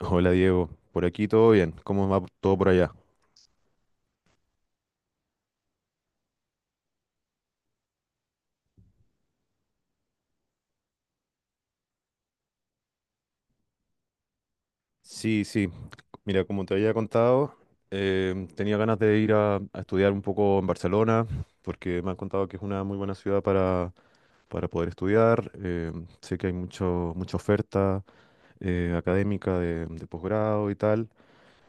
Hola Diego, por aquí todo bien, ¿cómo va todo por allá? Sí, sí, mira, como te había contado, tenía ganas de ir a estudiar un poco en Barcelona, porque me han contado que es una muy buena ciudad para poder estudiar. Sé que hay mucha oferta académica de posgrado y tal,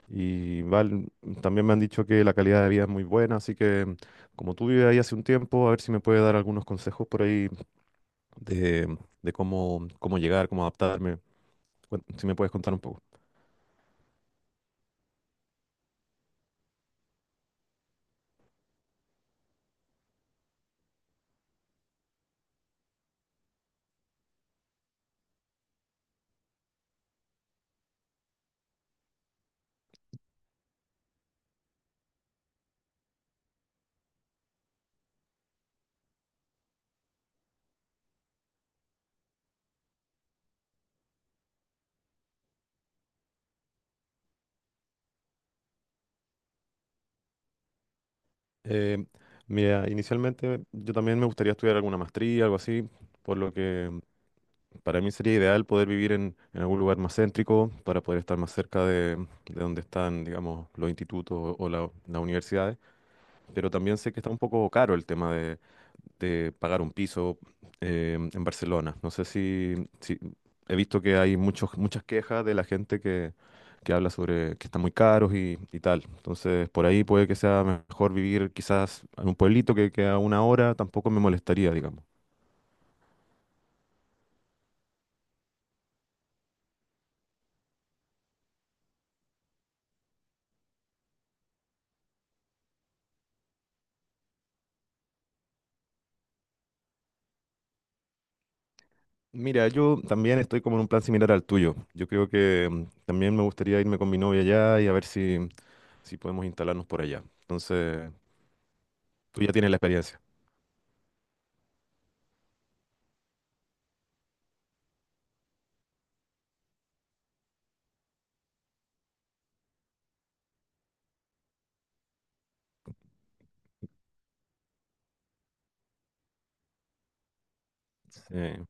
y también me han dicho que la calidad de vida es muy buena, así que, como tú vives ahí hace un tiempo, a ver si me puedes dar algunos consejos por ahí de, de cómo llegar, cómo adaptarme. Si me puedes contar un poco. Eh, Mira, inicialmente yo también me gustaría estudiar alguna maestría, algo así, por lo que para mí sería ideal poder vivir en algún lugar más céntrico para poder estar más cerca de donde están, digamos, los institutos o las universidades. Pero también sé que está un poco caro el tema de, pagar un piso en Barcelona. No sé he visto que hay muchas quejas de la gente que habla sobre que están muy caros y tal. Entonces, por ahí puede que sea mejor vivir quizás en un pueblito que a una hora tampoco me molestaría, digamos. Mira, yo también estoy como en un plan similar al tuyo. Yo creo que, también me gustaría irme con mi novia allá y a ver si podemos instalarnos por allá. Entonces, tú ya tienes la experiencia. Sí.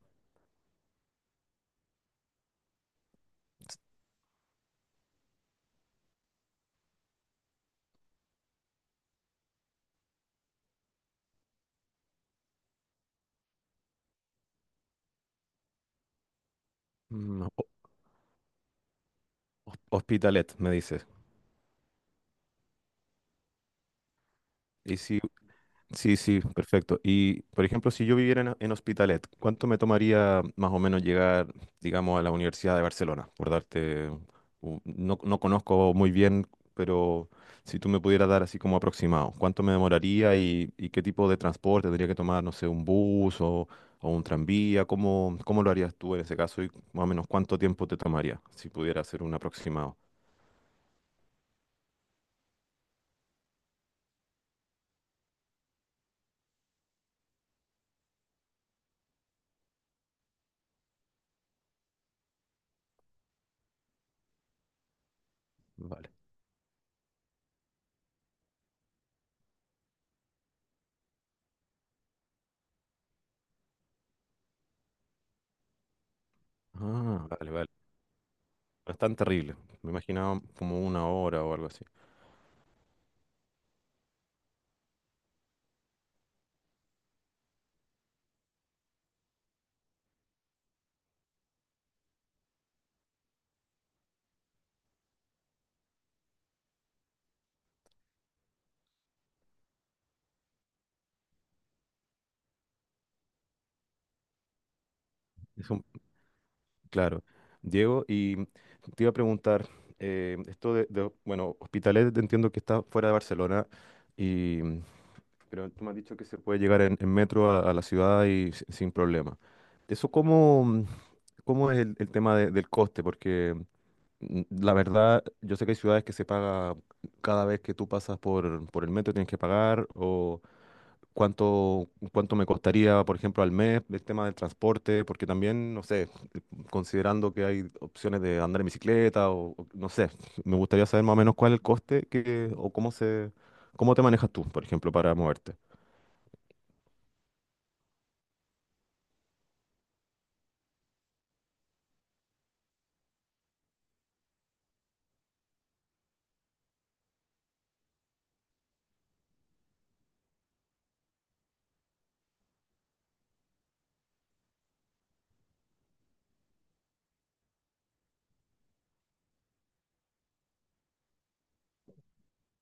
Mm, ho- Hospitalet, me dices. Y si, Sí, sí, perfecto. Y, por ejemplo, si yo viviera en Hospitalet, ¿cuánto me tomaría más o menos llegar, digamos, a la Universidad de Barcelona? Por darte, no, no conozco muy bien, pero si tú me pudieras dar así como aproximado, ¿cuánto me demoraría y qué tipo de transporte tendría que tomar? No sé, un bus o un tranvía. ¿Cómo lo harías tú en ese caso y más o menos cuánto tiempo te tomaría si pudiera hacer un aproximado? Vale. Ah, vale, vale. No es tan terrible. Me imaginaba como una hora o algo así. Es un, claro. Diego, y te iba a preguntar, esto bueno, Hospitalet entiendo que está fuera de Barcelona, y, pero tú me has dicho que se puede llegar en metro a la ciudad y sin problema. ¿Eso cómo es el tema del coste? Porque, la verdad, yo sé que hay ciudades que se paga cada vez que tú pasas por el metro, tienes que pagar, cuánto, cuánto me costaría, por ejemplo, al mes el tema del transporte, porque también, no sé, considerando que hay opciones de andar en bicicleta o no sé, me gustaría saber más o menos cuál es el coste que, o cómo se, cómo te manejas tú, por ejemplo, para moverte.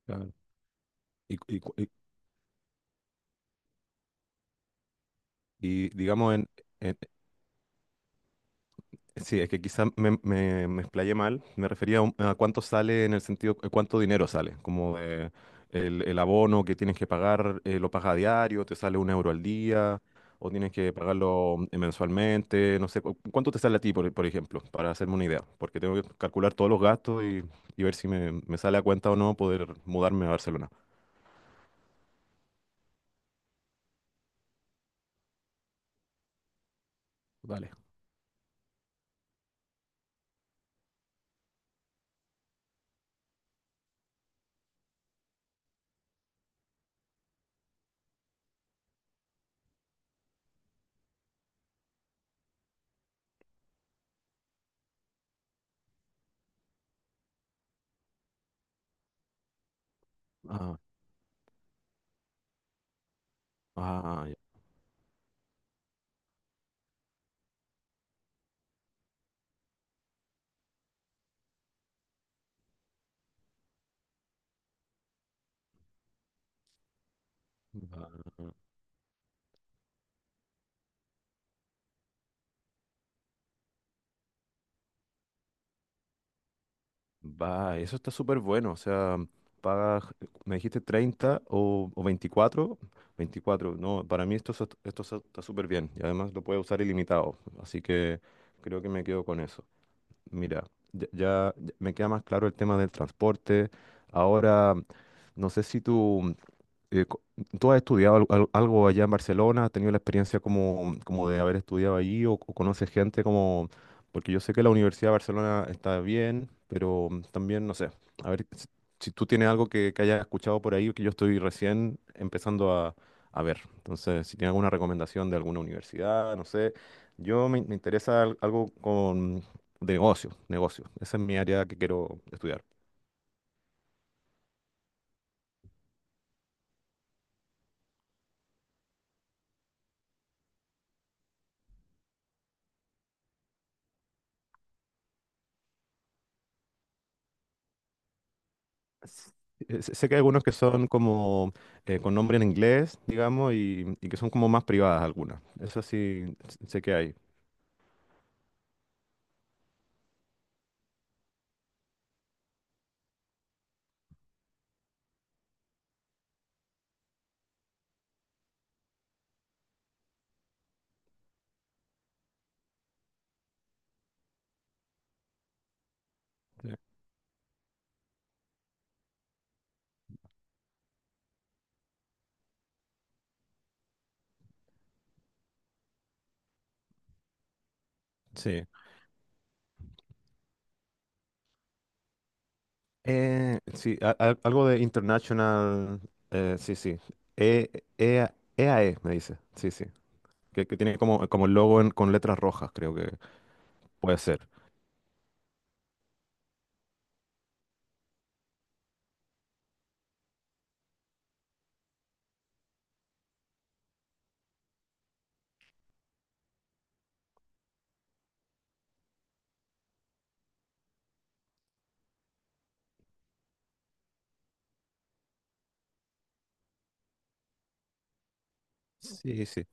Claro. Y, y, cu- y- y digamos, en, en, Sí, es que quizá me explayé mal. Me refería a cuánto sale en el sentido, cuánto dinero sale. Como de el abono que tienes que pagar, lo pagas a diario, te sale 1 euro al día, o tienes que pagarlo mensualmente. No sé, ¿cuánto te sale a ti, por ejemplo? Para hacerme una idea. Porque tengo que calcular todos los gastos y ver si me sale a cuenta o no poder mudarme a Barcelona. Vale. Ah, ah, ya. Va, eso está súper bueno. O sea, pagas, me dijiste 30 o 24. 24, no, para mí esto, está súper bien. Y además lo puedo usar ilimitado. Así que creo que me quedo con eso. Mira, ya me queda más claro el tema del transporte. Ahora, no sé si tú, eh, co- ¿tú has estudiado algo allá en Barcelona? ¿Has tenido la experiencia como de haber estudiado allí, o conoces gente como... Porque yo sé que la Universidad de Barcelona está bien, pero, también, no sé, a ver si tú tienes algo que hayas escuchado por ahí, que yo estoy recién empezando a ver. Entonces, si tienes alguna recomendación de alguna universidad, no sé. Yo me interesa algo con de negocio. Esa es mi área que quiero estudiar. S- Sé que hay algunos que son como, con nombre en inglés, digamos, y que son como más privadas algunas. Eso sí, sé que hay. Eh, Sí. Sí, algo de international. Sí, sí. E, E- EAE, me dice. Sí, sí. Que tiene como el logo con letras rojas, creo que puede ser. Sí, sí.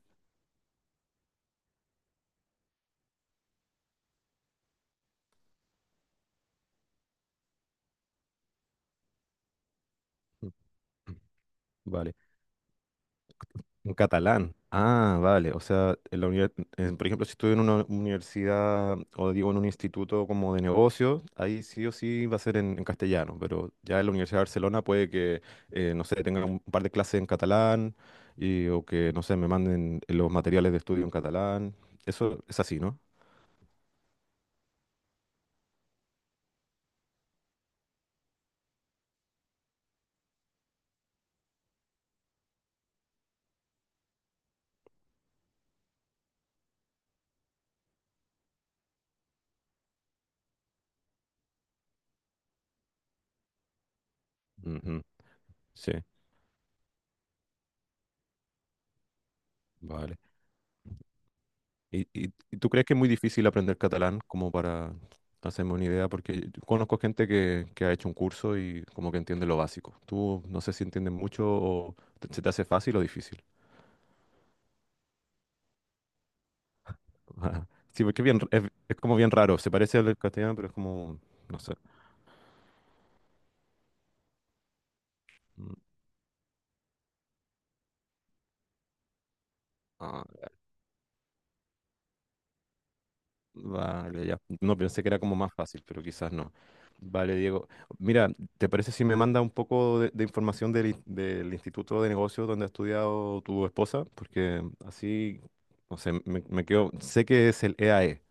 Mm, mm. Vale. Un catalán. Ah, vale. O sea, en la univers- en- por ejemplo, si estoy en una universidad o digo en un instituto como de negocios, ahí sí o sí va a ser en castellano, pero ya en la Universidad de Barcelona puede que, no sé, tenga un par de clases en catalán o que, no sé, me manden los materiales de estudio en catalán. Eso es así, ¿no? Ujú. Sí, vale. ¿Y tú crees que es muy difícil aprender catalán como para hacerme una idea? Porque yo conozco gente que ha hecho un curso y como que entiende lo básico. Tú no sé si entiendes mucho o se te hace fácil o difícil. Sí, porque es bien, es como bien raro. Se parece al del castellano, pero es como, no sé. Mm. Vale, ya. No pensé que era como más fácil, pero quizás no. Vale, Diego. Mira, ¿te parece si me manda un poco de información del Instituto de Negocios donde ha estudiado tu esposa? Porque así, no sé, me quedo. Sé que es el EAE,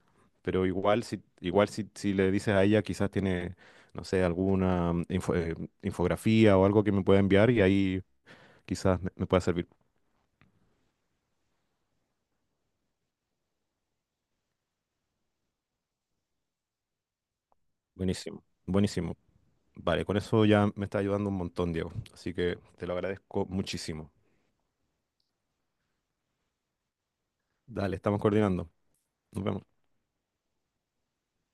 pero igual si le dices a ella, quizás tiene, no sé, alguna infografía o algo que me pueda enviar y ahí quizás me pueda servir. Buenísimo, buenísimo. Vale, con eso ya me está ayudando un montón, Diego. Así que te lo agradezco muchísimo. Dale, estamos coordinando. Nos vemos.